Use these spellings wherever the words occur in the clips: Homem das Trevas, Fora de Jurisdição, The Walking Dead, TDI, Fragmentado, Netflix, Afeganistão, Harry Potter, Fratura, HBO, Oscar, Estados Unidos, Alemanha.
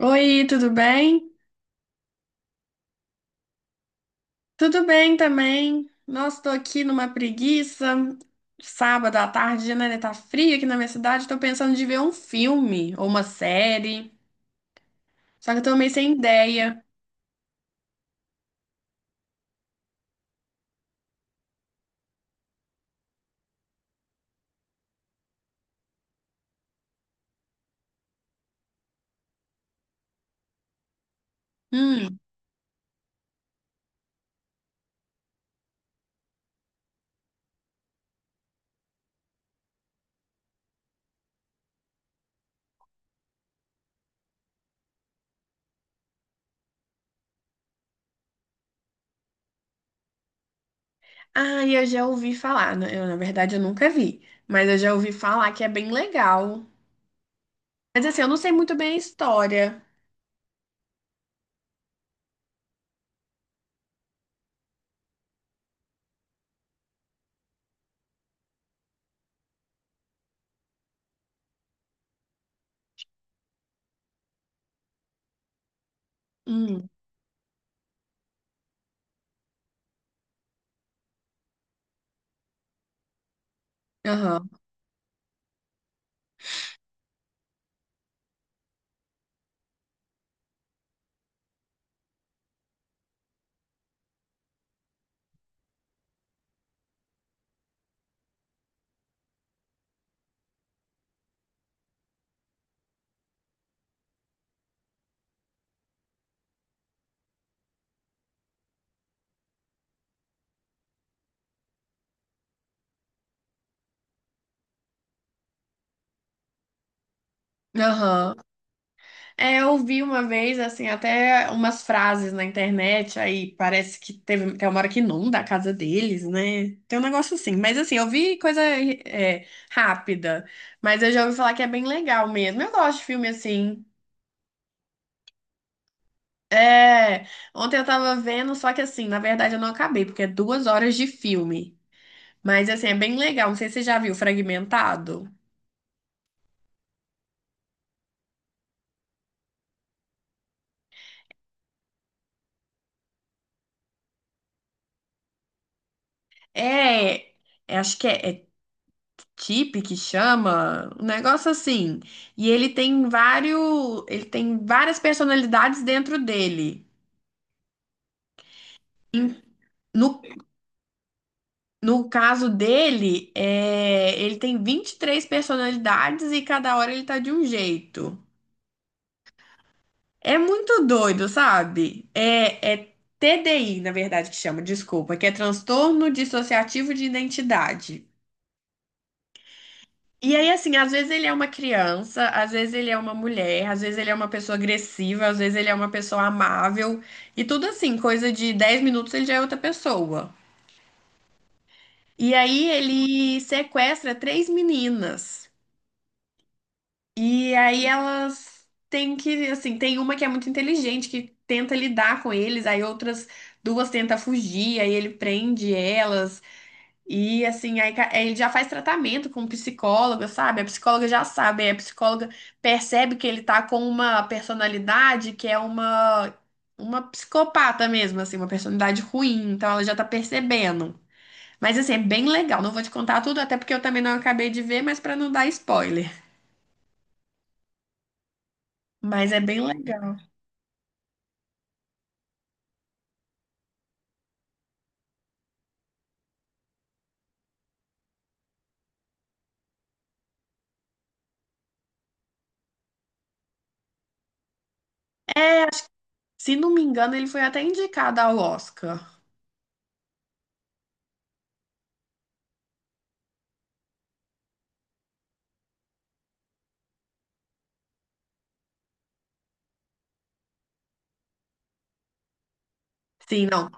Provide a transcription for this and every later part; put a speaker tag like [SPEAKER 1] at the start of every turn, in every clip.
[SPEAKER 1] Oi, tudo bem? Tudo bem também. Nossa, tô aqui numa preguiça. Sábado à tarde, né? Tá frio aqui na minha cidade. Tô pensando de ver um filme ou uma série. Só que eu tô meio sem ideia. Hum. Ah, e eu já ouvi falar, né. Eu, na verdade, eu nunca vi. Mas eu já ouvi falar que é bem legal. Mas assim, eu não sei muito bem a história. Hum. Aham. Aham. É, eu vi uma vez, assim, até umas frases na internet, aí parece que teve, tem uma hora que inunda a casa deles, né? Tem um negócio assim, mas assim, eu vi coisa é, rápida, mas eu já ouvi falar que é bem legal mesmo. Eu gosto de filme assim. É, ontem eu tava vendo, só que assim, na verdade eu não acabei, porque é 2 horas de filme. Mas assim, é bem legal, não sei se você já viu Fragmentado. É, é, acho que é Tip que chama, um negócio assim. E ele tem várias personalidades dentro dele. Em- No, no caso dele, ele tem 23 personalidades e cada hora ele tá de um jeito. É muito doido, sabe? É TDI, na verdade, que chama, desculpa, que é transtorno dissociativo de identidade. E aí, assim, às vezes ele é uma criança, às vezes ele é uma mulher, às vezes ele é uma pessoa agressiva, às vezes ele é uma pessoa amável, e tudo assim, coisa de 10 minutos ele já é outra pessoa. E aí ele sequestra três meninas. E aí elas têm que, assim, tem uma que é muito inteligente, que tenta lidar com eles, aí outras duas tentam fugir, aí ele prende elas. E assim, aí ele já faz tratamento com psicóloga, sabe? A psicóloga já sabe, aí a psicóloga percebe que ele tá com uma personalidade que é uma psicopata mesmo, assim, uma personalidade ruim, então ela já tá percebendo. Mas assim, é bem legal, não vou te contar tudo, até porque eu também não acabei de ver, mas pra não dar spoiler. Mas é bem legal. Se não me engano, ele foi até indicado ao Oscar. Sim, não,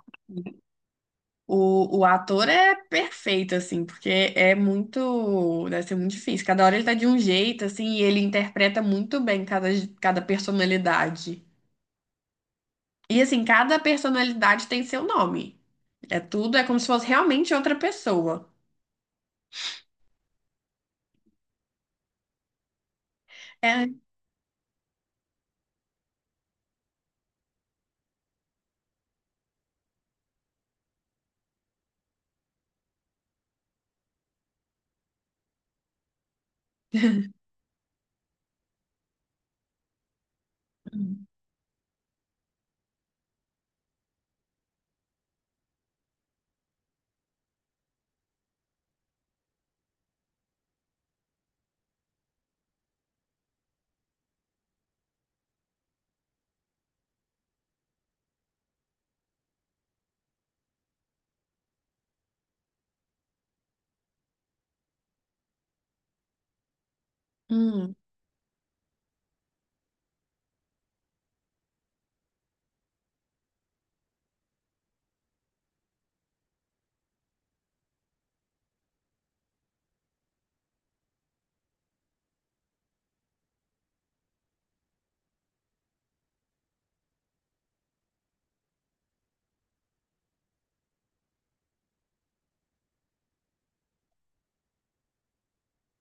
[SPEAKER 1] O ator é perfeito, assim, porque é muito. Deve ser muito difícil. Cada hora ele tá de um jeito, assim, e ele interpreta muito bem cada personalidade. E, assim, cada personalidade tem seu nome. É tudo, é como se fosse realmente outra pessoa. É. Hum,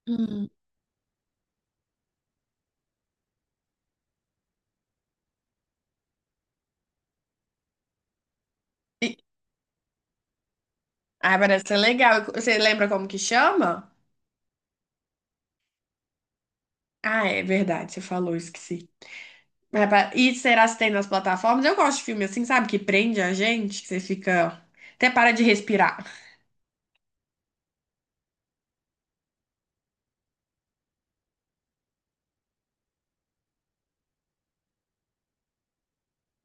[SPEAKER 1] hum. E- Ah, parece ser legal. Você lembra como que chama? Ah, é verdade, você falou, esqueci. E será se tem nas plataformas? Eu gosto de filme assim, sabe? Que prende a gente, que você fica. Até para de respirar.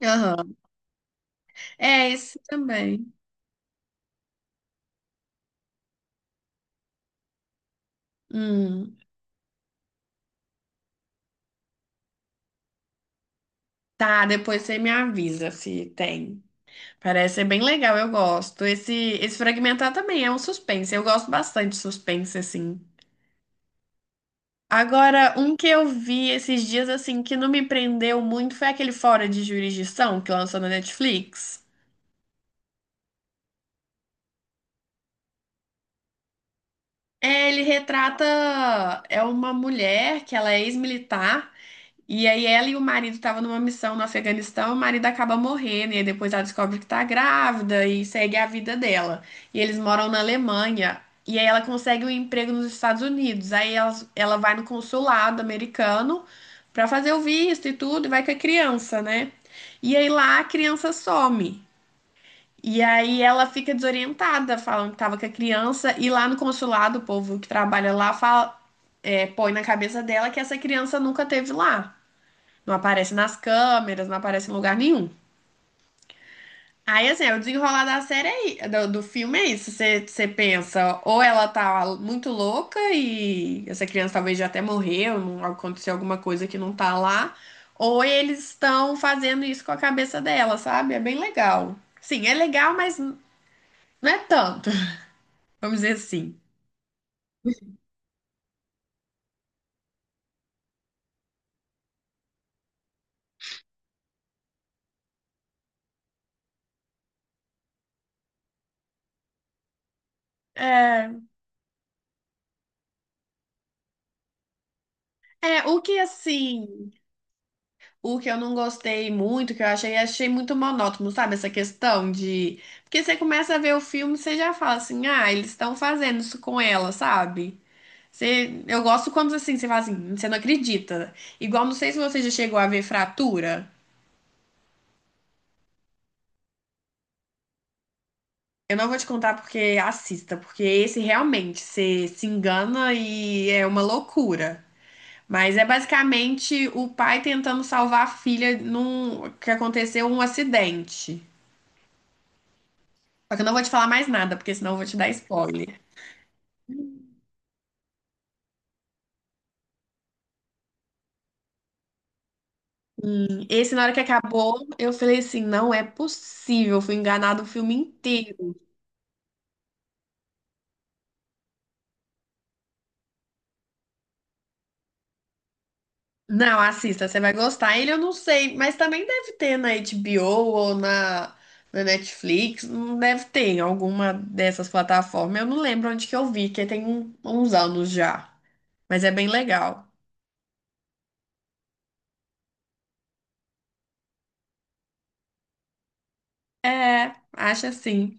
[SPEAKER 1] Aham. É, esse também. Hum. Tá, depois você me avisa se tem. Parece ser bem legal, eu gosto. Esse Fragmentar também é um suspense. Eu gosto bastante de suspense, assim. Agora, um que eu vi esses dias, assim, que não me prendeu muito foi aquele Fora de Jurisdição que lançou na Netflix. É, ele retrata. É uma mulher que ela é ex-militar. E aí ela e o marido estavam numa missão no Afeganistão, o marido acaba morrendo, e aí depois ela descobre que tá grávida e segue a vida dela. E eles moram na Alemanha, e aí ela consegue um emprego nos Estados Unidos. Aí ela vai no consulado americano pra fazer o visto e tudo, e vai com a criança, né? E aí lá a criança some. E aí ela fica desorientada, falando que tava com a criança, e lá no consulado, o povo que trabalha lá fala, põe na cabeça dela que essa criança nunca teve lá. Não aparece nas câmeras, não aparece em lugar nenhum. Aí, assim, é o desenrolar da série aí, do filme é isso. Você pensa, ou ela tá muito louca e essa criança talvez já até morreu, aconteceu alguma coisa que não tá lá, ou eles estão fazendo isso com a cabeça dela, sabe? É bem legal. Sim, é legal, mas não é tanto, vamos dizer assim. É, é o que assim. O que eu não gostei muito, que eu achei muito monótono, sabe? Essa questão de. Porque você começa a ver o filme, e você já fala assim, ah, eles estão fazendo isso com ela, sabe? Você... Eu gosto quando assim, você fala assim, você não acredita. Igual, não sei se você já chegou a ver Fratura. Eu não vou te contar porque assista, porque esse realmente você se engana e é uma loucura. Mas é basicamente o pai tentando salvar a filha num que aconteceu um acidente. Só que eu não vou te falar mais nada, porque senão eu vou te dar spoiler. Hum. Esse, na hora que acabou, eu falei assim: não é possível, eu fui enganado o filme inteiro. Não, assista, você vai gostar. Ele eu não sei, mas também deve ter na HBO ou na Netflix. Não deve ter em alguma dessas plataformas. Eu não lembro onde que eu vi, que tem uns anos já. Mas é bem legal. É, acho assim.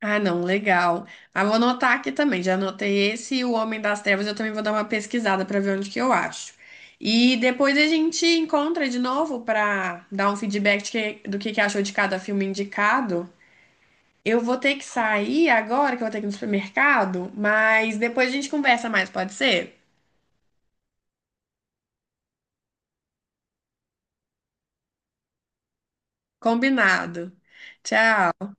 [SPEAKER 1] Ah, não, legal. Ah, vou anotar aqui também. Já anotei esse e o Homem das Trevas. Eu também vou dar uma pesquisada para ver onde que eu acho. E depois a gente encontra de novo para dar um feedback de do que achou de cada filme indicado. Eu vou ter que sair agora, que eu vou ter que ir no supermercado, mas depois a gente conversa mais, pode ser? Combinado. Tchau.